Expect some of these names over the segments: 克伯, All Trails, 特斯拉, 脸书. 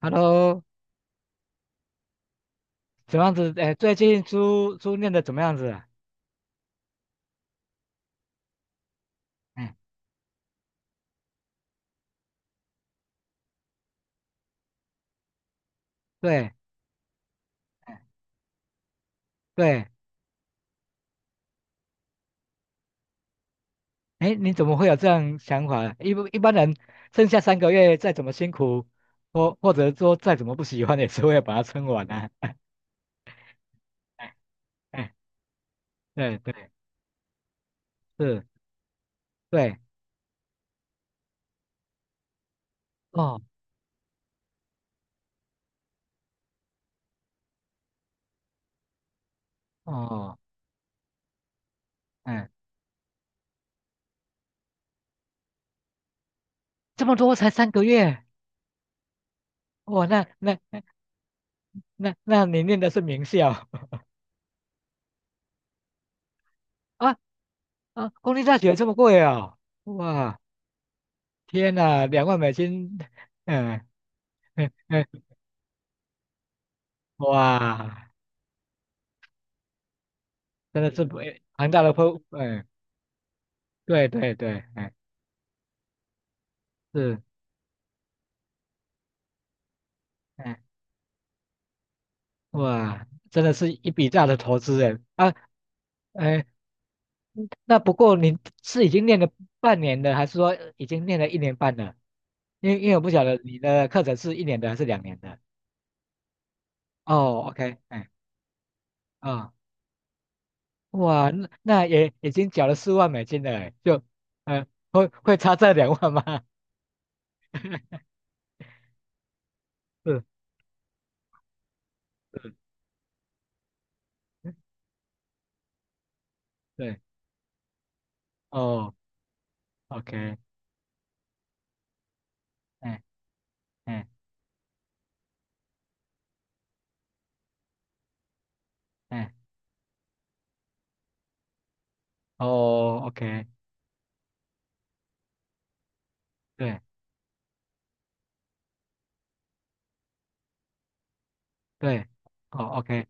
Hello，怎么样子？哎，最近书念的怎么样子啊？哎，对。哎，对。哎，你怎么会有这样想法啊？一般人剩下三个月，再怎么辛苦，或者说再怎么不喜欢，也是会把它撑完啊。哎。哎。对对，是。对。哦哦。嗯。这么多才三个月？哇，那你念的是名校？ 啊。啊，公立大学这么贵哦？哇，天呐，两万美金。嗯嗯嗯。哇，真的是不哎庞大的投，哎。对对对。哎，是。哎。哇，真的是一笔大的投资哎。啊。哎，那不过你是已经练了半年的，还是说已经练了1年半了？因为我不晓得你的课程是一年的还是2年的。哦，OK。哎。啊、哇，那也已经缴了4万美金了哎。就呃会差这两万吗？是是。对。哦，OK。哎。哎。哎。哦，OK。对对。哦，OK。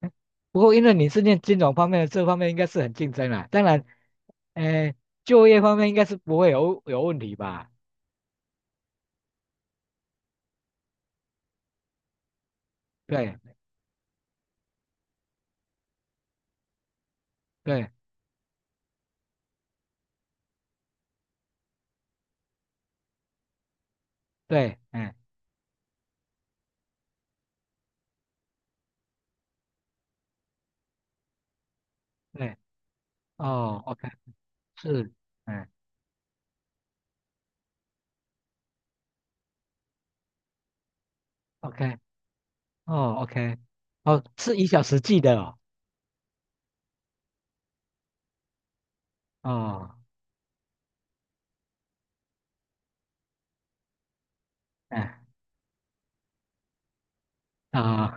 嗯，不过因为你是念金融方面的，这方面应该是很竞争啦。当然，诶，就业方面应该是不会有问题吧？对对对。嗯。对。哦，OK。是。嗯。OK。哦，OK。哦，是一小时计的哦？哦。嗯。啊。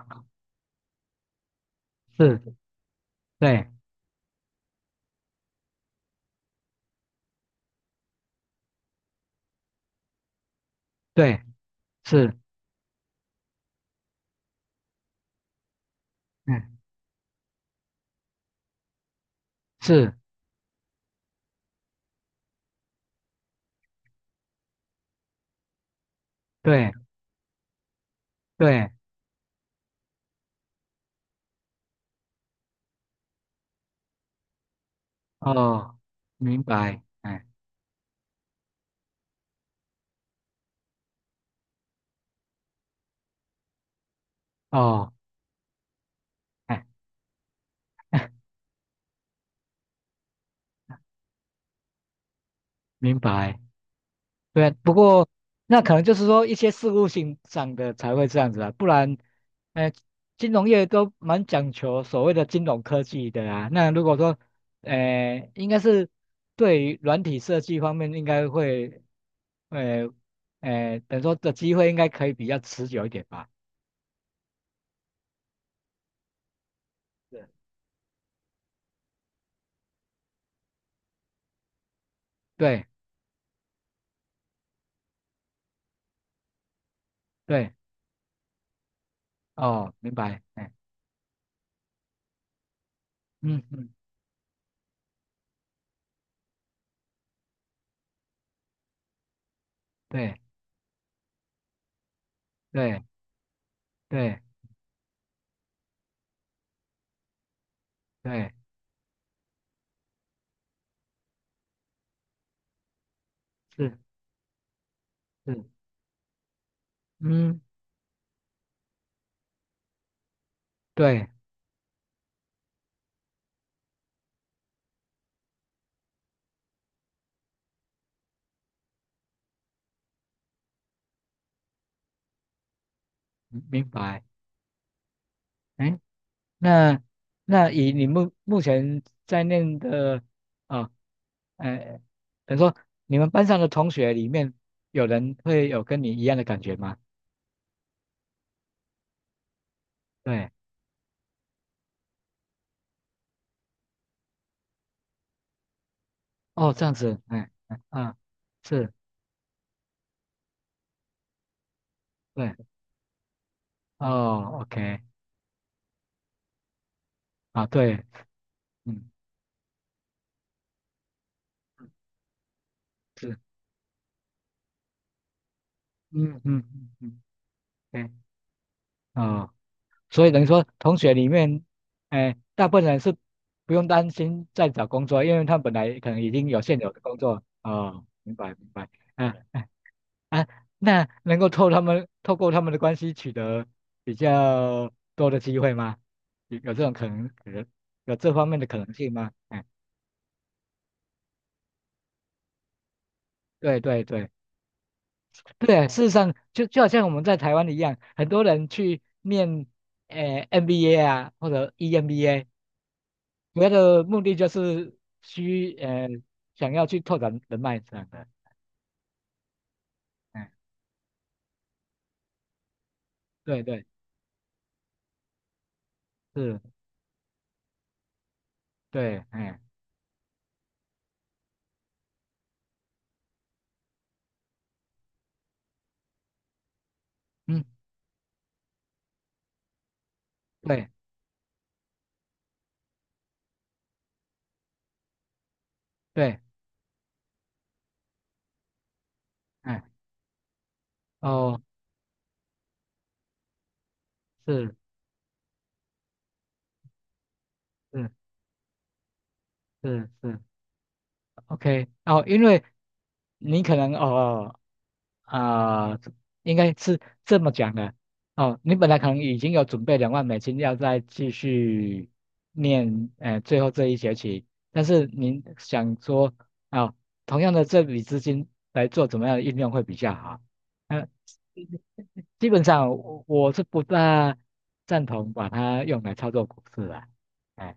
是。对对，是。嗯。是。对对。哦，明白。嗯。哦。哎，明白。对啊，不过那可能就是说一些事务性上的才会这样子啊，不然，呃，金融业都蛮讲求所谓的金融科技的啊。那如果说，应该是对于软体设计方面，应该会，呃，等于说的机会应该可以比较持久一点吧。是。对对。哦，明白。哎。嗯嗯。对对对对。是是。嗯。对。明白。哎。那那以你目前在念的啊，呃，等于说你们班上的同学里面有人会有跟你一样的感觉吗？对。哦，这样子。哎。嗯。啊，是。对。哦，OK。啊，对。嗯。是。嗯嗯嗯嗯。对。哦，所以等于说同学里面，哎，大部分人是不用担心在找工作，因为他们本来可能已经有现有的工作。哦，明白明白。嗯。嗯。啊，那能够透过他们的关系取得比较多的机会吗？有这种可能，可能有这方面的可能性吗？哎。对对对。对啊，事实上就就好像我们在台湾一样，很多人去念呃 MBA 啊或者 EMBA,主要的目的就是需呃想要去拓展人脉这样的。哎。对对，是。对。哎。嗯。对对。哎。哦。是是。是是， OK。哦，因为你可能啊、呃应该是这么讲的哦。你本来可能已经有准备两万美金要再继续念最后这一学期，但是您想说啊、哦，同样的这笔资金来做怎么样的运用会比较好？呃，基本上我是不大赞同把它用来操作股市的。哎，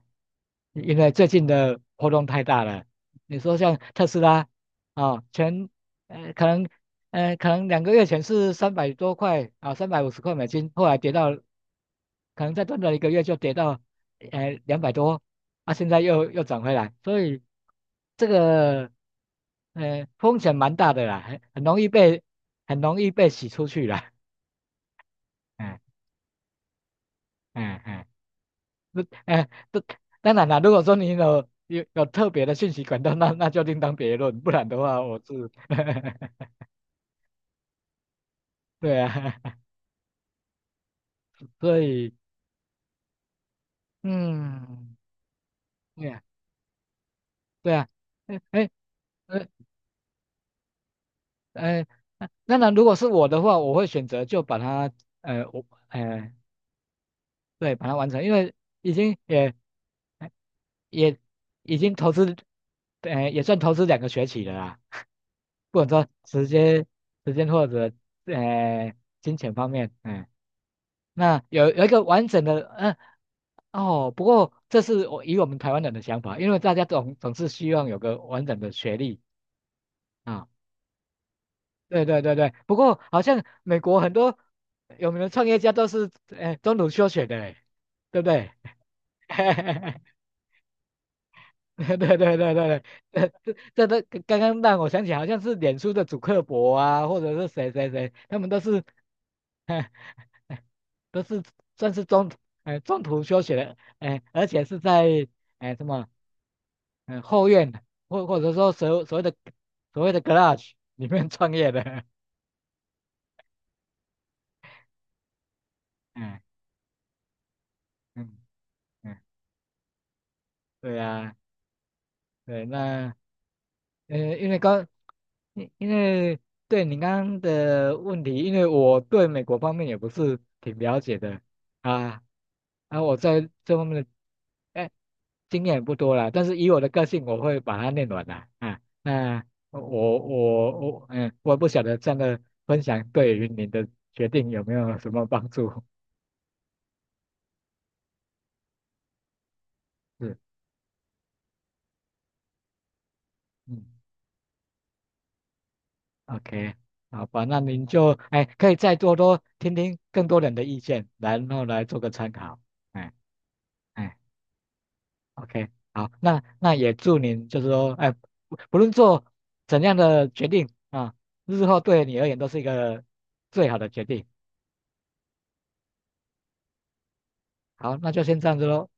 因为最近的波动太大了。你说像特斯拉啊，前呃可能可能2个月前是300多块啊，350块美金，后来跌到可能再短短1个月就跌到200多。啊，现在又涨回来。所以这个风险蛮大的啦。很容易被很容易被洗出去了。嗯嗯嗯。那哎，这当然啦。如果说你有特别的信息管道，那那就另当别论。不然的话，我是，对啊。所以，嗯。对啊。对啊。哎。哎。呃哎，那当然，如果是我的话，我会选择就把它，呃，我，呃，对，把它完成。因为已经也也已经投资，也算投资2个学期了啦。不管说时间、时间或者呃金钱方面，哎、那有一个完整的，嗯、哦，不过这是我以我们台湾人的想法，因为大家总是希望有个完整的学历啊。对对对对，不过好像美国很多有名的创业家都是中途休学的嘞，对不对？对对对对对对，这这这都刚刚让我想起，好像是脸书的主克伯啊，或者是谁谁谁，他们都是，都是算是中，中途休学的。哎、而且是在，哎、什么？嗯，后院或或者说所谓的 g l r a g e 里面创业的。嗯嗯嗯。对啊。对。那呃，因为刚，因因为对你刚刚的问题，因为我对美国方面也不是挺了解的啊。啊，我在这方面的哎经验也不多啦。但是以我的个性，我会把它念完的啊。那我我嗯，我不晓得这样的分享对于您的决定有没有什么帮助？是。嗯，OK。好吧，那您就哎可以再多多听听更多人的意见，然后来做个参考。哎。哎，OK,好。那那也祝您就是说，哎，不不论做怎样的决定啊，日后对你而言都是一个最好的决定。好，那就先这样子喽。